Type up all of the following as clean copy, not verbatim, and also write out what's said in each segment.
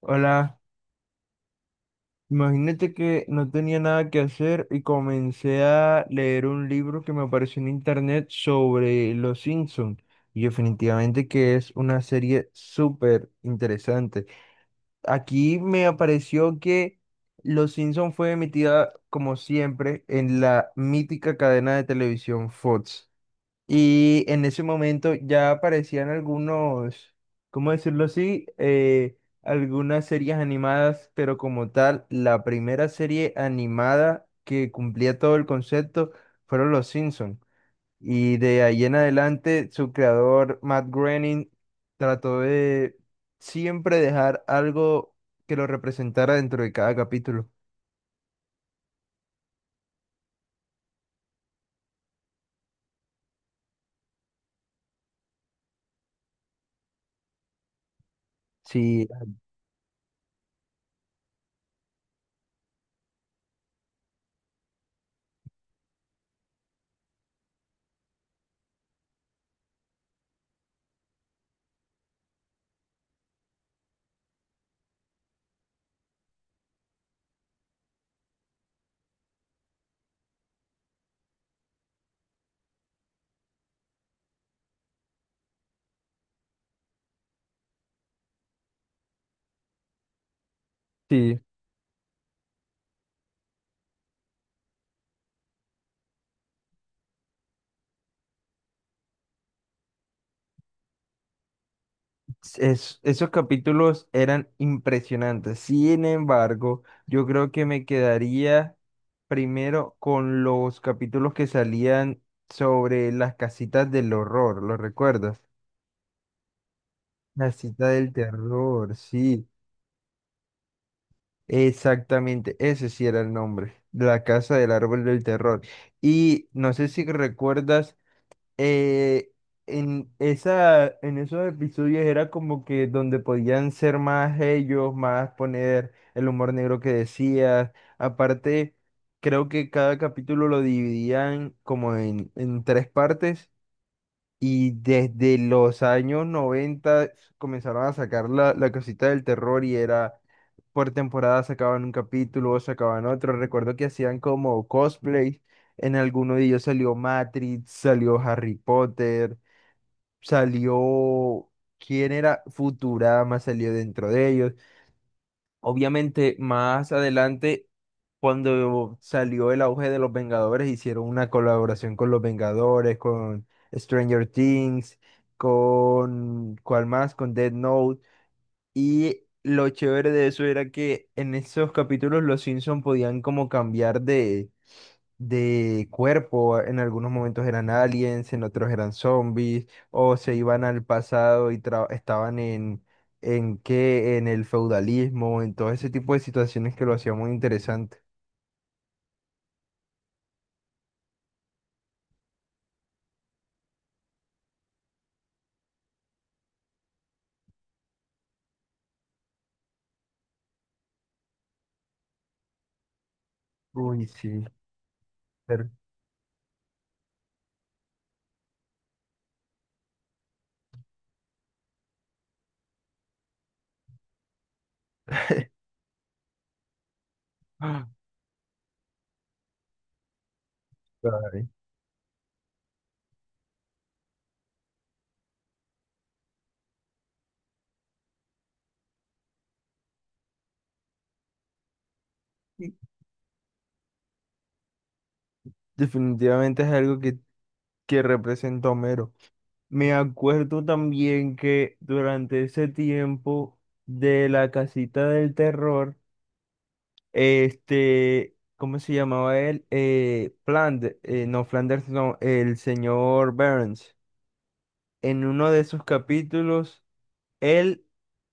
Hola, imagínate que no tenía nada que hacer y comencé a leer un libro que me apareció en internet sobre Los Simpsons y definitivamente que es una serie súper interesante. Aquí me apareció que Los Simpson fue emitida como siempre en la mítica cadena de televisión Fox. Y en ese momento ya aparecían algunos, ¿cómo decirlo así? Algunas series animadas, pero como tal, la primera serie animada que cumplía todo el concepto fueron Los Simpsons. Y de ahí en adelante, su creador, Matt Groening, trató de siempre dejar algo que lo representara dentro de cada capítulo. Sí, sí. Esos capítulos eran impresionantes. Sin embargo, yo creo que me quedaría primero con los capítulos que salían sobre las casitas del horror, ¿lo recuerdas? La cita del terror, sí, exactamente, ese sí era el nombre, la casa del árbol del terror. Y no sé si recuerdas eh, en esos episodios era como que donde podían ser más ellos, más poner el humor negro que decías. Aparte, creo que cada capítulo lo dividían como en tres partes y desde los años 90 comenzaron a sacar la cosita del terror y era por temporada sacaban un capítulo, sacaban otro. Recuerdo que hacían como cosplay. En alguno de ellos salió Matrix, salió Harry Potter, salió. ¿Quién era? Futurama salió dentro de ellos. Obviamente, más adelante, cuando salió el auge de los Vengadores, hicieron una colaboración con los Vengadores, con Stranger Things, con. ¿Cuál más? Con Dead Note. Y lo chévere de eso era que en esos capítulos los Simpson podían como cambiar de cuerpo. En algunos momentos eran aliens, en otros eran zombies, o se iban al pasado y estaban en el feudalismo, en todo ese tipo de situaciones que lo hacía muy interesante. Uy, sí. pero- Ay, definitivamente es algo que representa a Homero. Me acuerdo también que durante ese tiempo de la casita del terror, ¿cómo se llamaba él? Flanders, no, el señor Burns. En uno de esos capítulos, él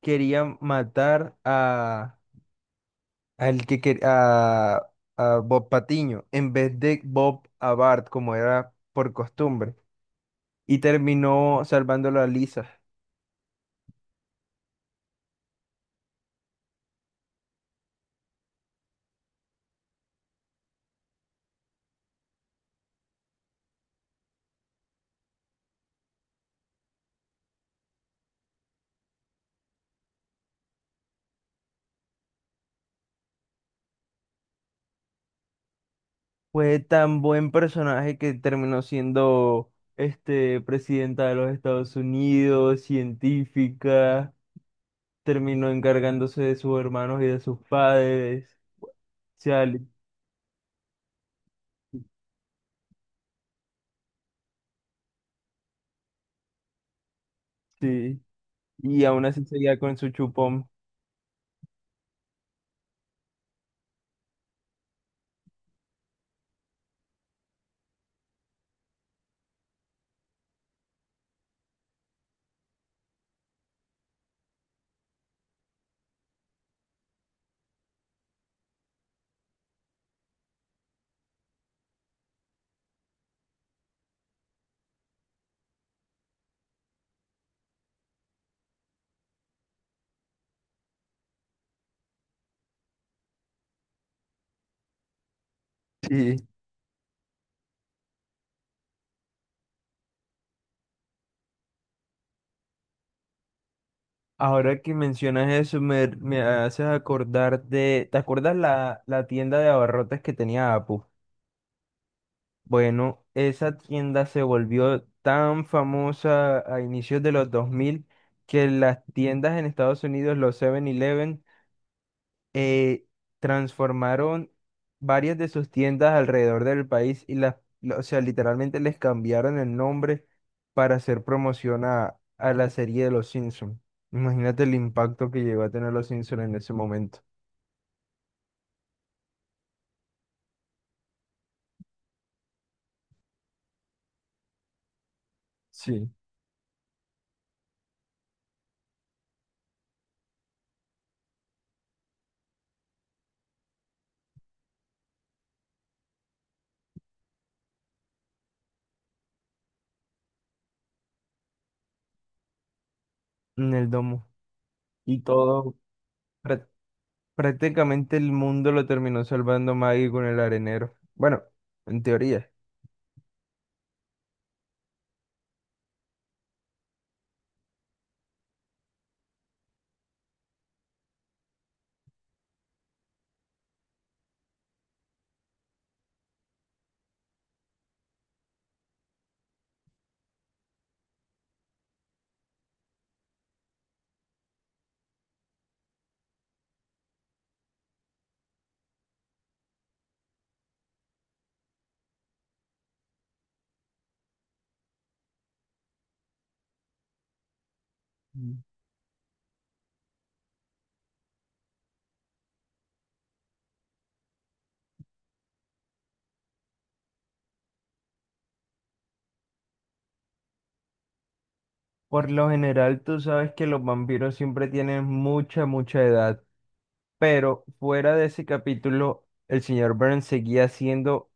quería matar a, al que quer- a Bob Patiño en vez de Bob a Bart, como era por costumbre, y terminó salvándolo a Lisa. Fue tan buen personaje que terminó siendo este, presidenta de los Estados Unidos, científica, terminó encargándose de sus hermanos y de sus padres. Chale, sí. Y aún así seguía con su chupón. Sí. Ahora que mencionas eso, me haces acordar de. ¿Te acuerdas la tienda de abarrotes que tenía Apu? Bueno, esa tienda se volvió tan famosa a inicios de los 2000 que las tiendas en Estados Unidos, los 7-Eleven eh, transformaron varias de sus tiendas alrededor del país y o sea, literalmente les cambiaron el nombre para hacer promoción a la serie de Los Simpsons. Imagínate el impacto que llegó a tener Los Simpsons en ese momento. Sí, en el domo. Y todo, prácticamente el mundo lo terminó salvando Maggie con el arenero. Bueno, en teoría. Mm. Por lo general, tú sabes que los vampiros siempre tienen mucha, mucha edad, pero fuera de ese capítulo, el señor Burns seguía siendo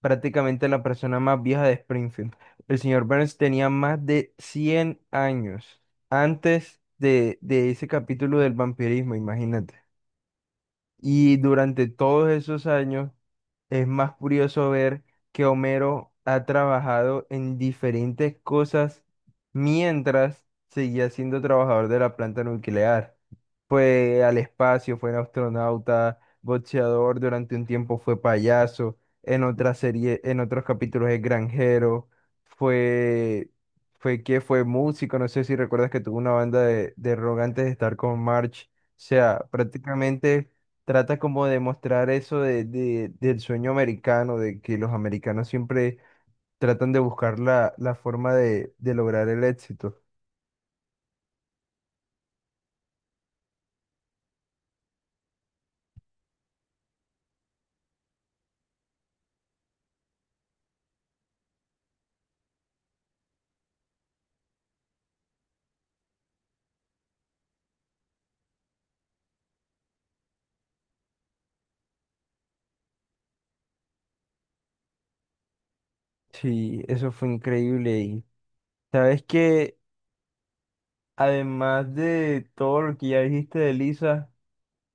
prácticamente la persona más vieja de Springfield. El señor Burns tenía más de 100 años antes de ese capítulo del vampirismo, imagínate. Y durante todos esos años es más curioso ver que Homero ha trabajado en diferentes cosas mientras seguía siendo trabajador de la planta nuclear. Fue al espacio, fue astronauta, boxeador, durante un tiempo fue payaso, en otra serie, en otros capítulos es granjero, fue, fue músico, no sé si recuerdas que tuvo una banda de rock antes de estar con March. O sea, prácticamente trata como de mostrar eso del sueño americano, de que los americanos siempre tratan de buscar la forma de lograr el éxito. Sí, eso fue increíble. Y sabes que además de todo lo que ya dijiste de Lisa,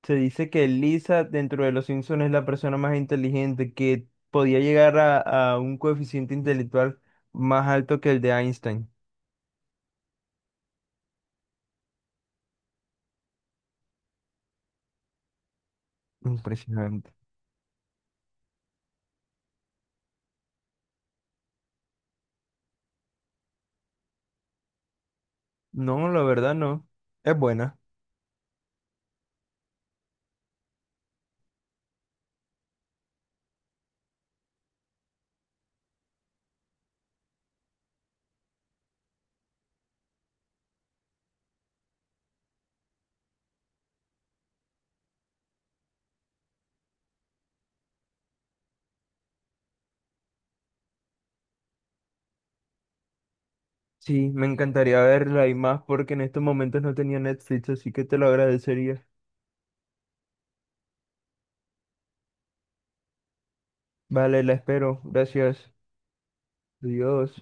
se dice que Lisa dentro de los Simpsons es la persona más inteligente, que podía llegar a, un coeficiente intelectual más alto que el de Einstein. Impresionante. No, la verdad no. Es buena. Sí, me encantaría verla y más porque en estos momentos no tenía Netflix, así que te lo agradecería. Vale, la espero. Gracias. Adiós.